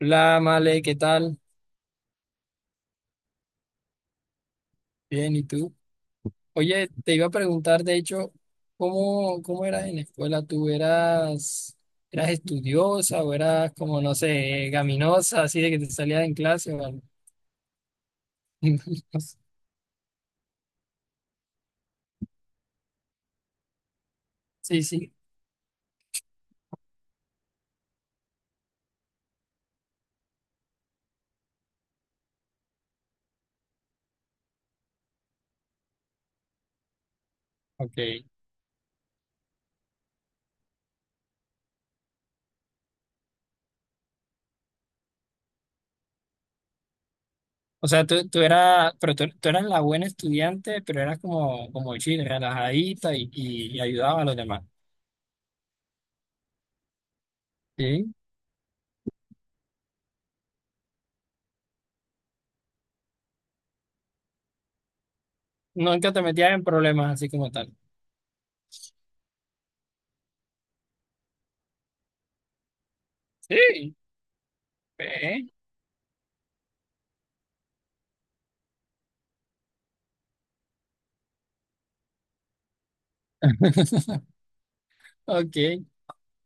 Hola, Male, ¿qué tal? Bien, ¿y tú? Oye, te iba a preguntar, de hecho, ¿Cómo eras en la escuela? ¿Tú eras estudiosa o eras como, no sé, gaminosa, así de que te salías en clase o algo? Sí, sí, ok. O sea, tú eras, pero tú eras la buena estudiante, pero eras como, como chile, relajadita y ayudaba a los demás. Sí. Nunca te metías en problemas así como tal. Sí. Ve, ok.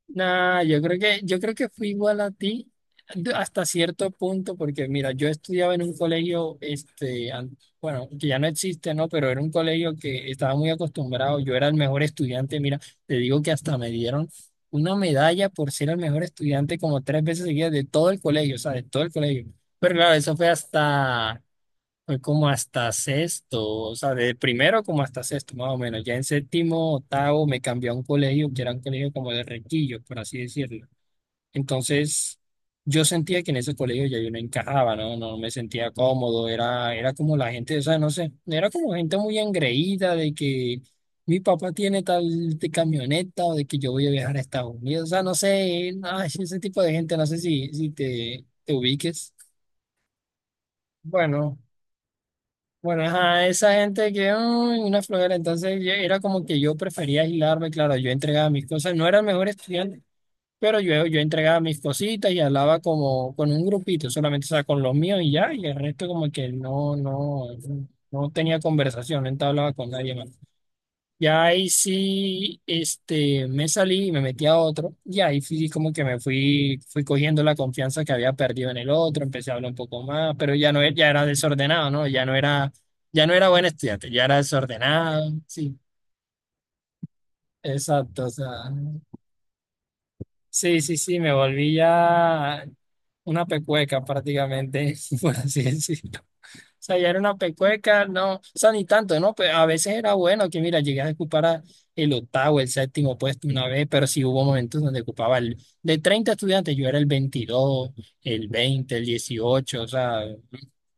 Nah, yo creo que fui igual a ti hasta cierto punto, porque mira, yo estudiaba en un colegio, este, bueno, que ya no existe, ¿no? Pero era un colegio que estaba muy acostumbrado, yo era el mejor estudiante, mira, te digo que hasta me dieron una medalla por ser el mejor estudiante como tres veces seguidas de todo el colegio, o sea, de todo el colegio. Pero claro, eso fue hasta fue como hasta sexto, o sea, de primero como hasta sexto, más o menos. Ya en séptimo, octavo, me cambié a un colegio que era un colegio como de requillos, por así decirlo. Entonces, yo sentía que en ese colegio ya yo no encajaba, ¿no? No me sentía cómodo, era, era como la gente, o sea, no sé, era como gente muy engreída de que mi papá tiene tal de camioneta o de que yo voy a viajar a Estados Unidos, o sea, no sé, ay, ese tipo de gente, no sé si, si te, te ubiques. Bueno. Bueno, ajá, esa gente que "Ay, una flojera, entonces era como que yo prefería aislarme, claro, yo entregaba mis cosas, no era el mejor estudiante, pero yo entregaba mis cositas y hablaba como con un grupito, solamente, o sea, con los míos y ya, y el resto como que no, no, no tenía conversación, no hablaba con nadie más. Ya ahí sí, este, me salí y me metí a otro. Y ahí fui como que me fui, fui cogiendo la confianza que había perdido en el otro, empecé a hablar un poco más, pero ya no, ya era desordenado, ¿no? Ya no era buen estudiante, ya era desordenado. Sí, exacto. O sea, sí, sí, sí, me volví ya una pecueca prácticamente, por así decirlo. Sea, ya era una pecueca, no, o sea, ni tanto, ¿no? Pues a veces era bueno que, mira, llegué a ocupar a el octavo, el séptimo puesto una vez, pero sí hubo momentos donde ocupaba el, de 30 estudiantes, yo era el 22 el 20 el 18 o sea,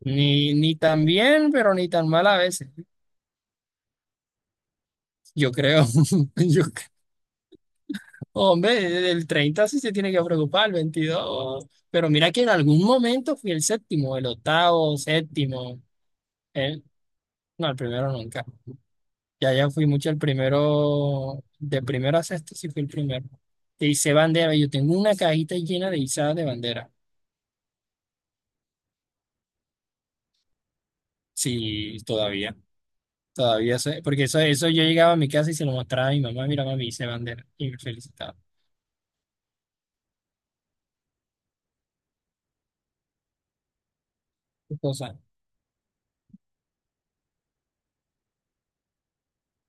ni, ni tan bien, pero ni tan mal a veces, yo creo, yo, creo. Hombre, el 30 sí se tiene que preocupar, el 22 pero mira que en algún momento fui el séptimo, el octavo, séptimo, ¿eh? No, el primero nunca. Ya, ya fui mucho el primero, de primero a sexto sí fui el primero. Te hice bandera, yo tengo una cajita llena de izadas de bandera. Sí, todavía, todavía, sé, porque eso yo llegaba a mi casa y se lo mostraba a mi mamá, mira, mami, hice bandera, y me felicitaba. O sea,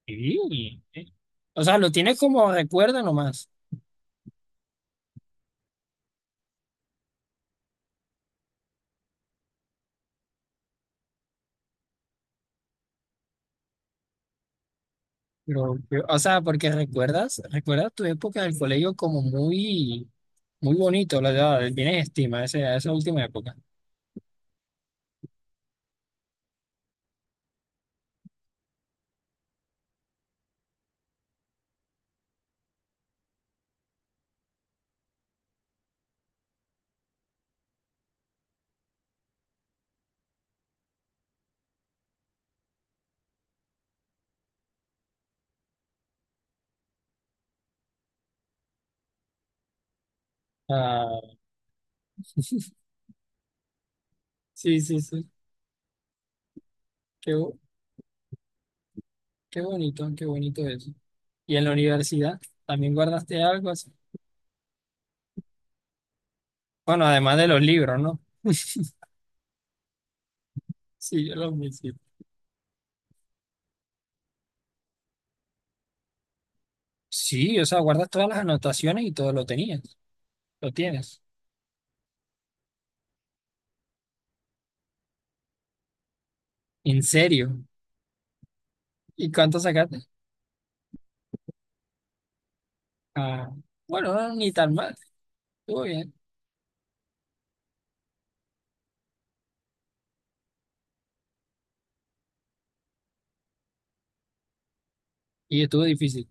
sí, eh. O sea, lo tienes como recuerda nomás, pero, o sea, porque recuerdas, recuerdas tu época del colegio como muy, muy bonito, la verdad, tienes estima a a esa última época. Ah, sí, sí, sí. Qué, bo- qué bonito eso. ¿Y en la universidad también guardaste algo así? Bueno, además de los libros, ¿no? Sí, yo los mismo. Sí, sí, o sea, guardas todas las anotaciones y todo lo tenías, lo tienes. ¿En serio? ¿Y cuánto sacaste? Ah, bueno, no, ni tan mal. Estuvo bien. Y estuvo difícil.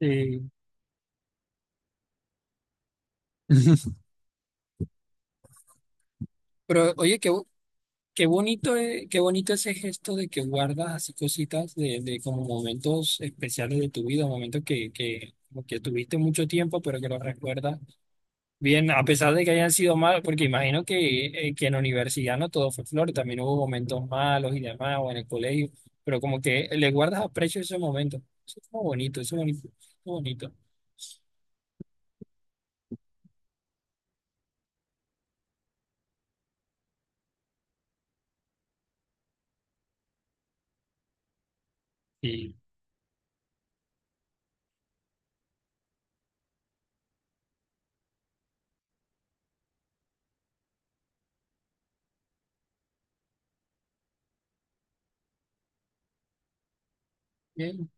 Sí. Pero, oye, qué, qué bonito, qué bonito ese gesto de que guardas así cositas de como momentos especiales de tu vida, momentos que, como que tuviste mucho tiempo, pero que los recuerdas bien, a pesar de que hayan sido malos, porque imagino que en la universidad no todo fue flor, también hubo momentos malos y demás, o en el colegio, pero como que le guardas aprecio a esos momentos. Eso es como bonito, eso es bonito, eso es bonito. Sí.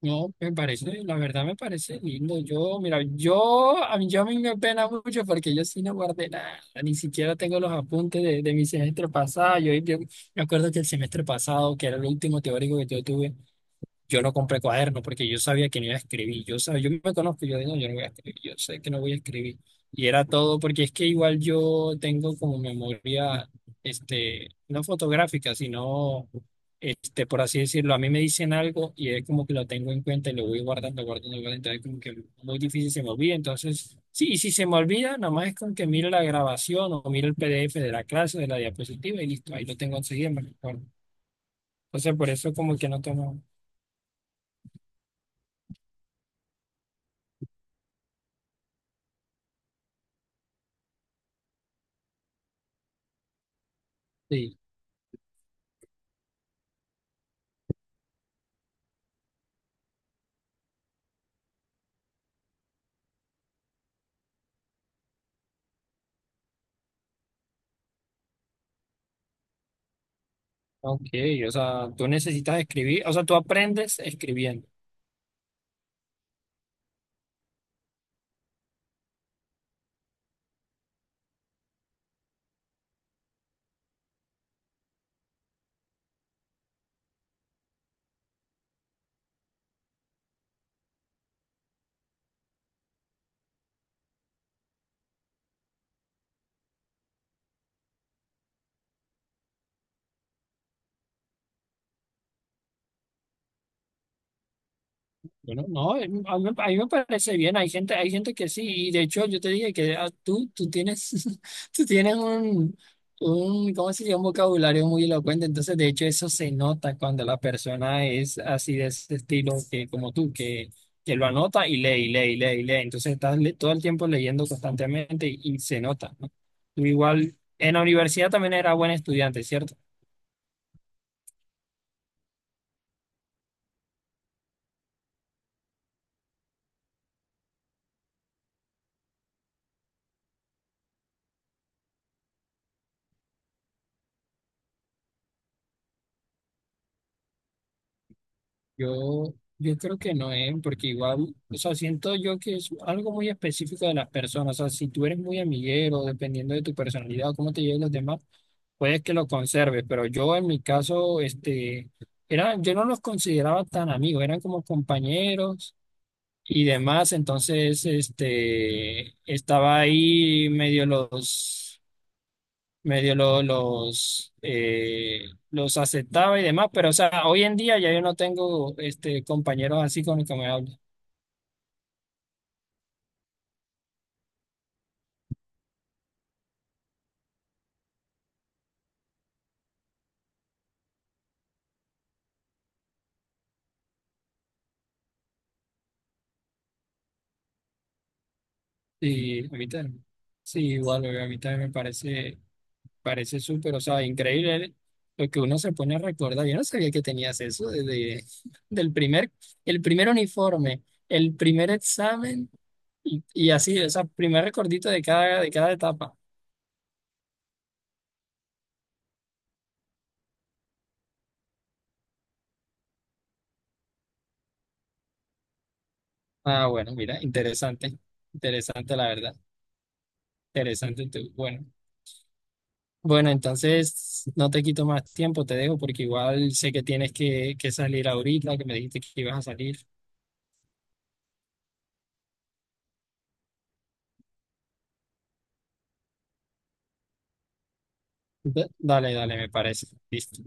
No, me parece, la verdad me parece lindo. Yo, mira, yo a mí me pena mucho porque yo sí no guardé nada, ni siquiera tengo los apuntes de mi semestre pasado. Yo me acuerdo que el semestre pasado, que era el último teórico que yo tuve, yo no compré cuaderno porque yo sabía que no iba a escribir. Yo sabía, yo me conozco, yo digo, no, yo no voy a escribir, yo sé que no voy a escribir. Y era todo porque es que igual yo tengo como memoria, este, no fotográfica, sino, este, por así decirlo, a mí me dicen algo y es como que lo tengo en cuenta y lo voy guardando. Entonces, como que muy difícil se me olvida. Entonces, sí, y si se me olvida, nada más es con que miro la grabación o miro el PDF de la clase, de la diapositiva y listo, ahí lo tengo enseguida, me recuerdo. Entonces, por eso como que no tomo. Sí. Ok, o sea, tú necesitas escribir, o sea, tú aprendes escribiendo. Bueno, no, a mí me parece bien, hay gente que sí, y de hecho yo te dije que ah, tú tienes, tú tienes un, ¿cómo se dice? Un vocabulario muy elocuente, entonces de hecho eso se nota cuando la persona es así de ese estilo que, como tú, que lo anota y lee, y lee, y lee, y lee, entonces todo el tiempo leyendo constantemente y se nota, ¿no? Tú igual, en la universidad también era buen estudiante, ¿cierto? Yo, yo creo que no es, porque igual, o sea, siento yo que es algo muy específico de las personas. O sea, si tú eres muy amiguero, dependiendo de tu personalidad o cómo te lleven los demás, puedes que lo conserves. Pero yo en mi caso, este, era, yo no los consideraba tan amigos, eran como compañeros y demás. Entonces, este, estaba ahí medio los medio lo- los, eh, los aceptaba y demás, pero o sea, hoy en día ya yo no tengo este, compañeros así con los que me hablo. Y a mí también, sí, igual, bebé, a mí también me parece, parece súper, o sea, increíble lo que uno se pone a recordar. Yo no sabía que tenías eso desde del primer, el primer uniforme, el primer examen y así, o sea, primer recordito de cada etapa. Ah, bueno, mira, interesante, interesante la verdad, interesante tú. Bueno. Bueno, entonces no te quito más tiempo, te dejo porque igual sé que tienes que salir ahorita, que me dijiste que ibas a salir. Dale, dale, me parece. Listo.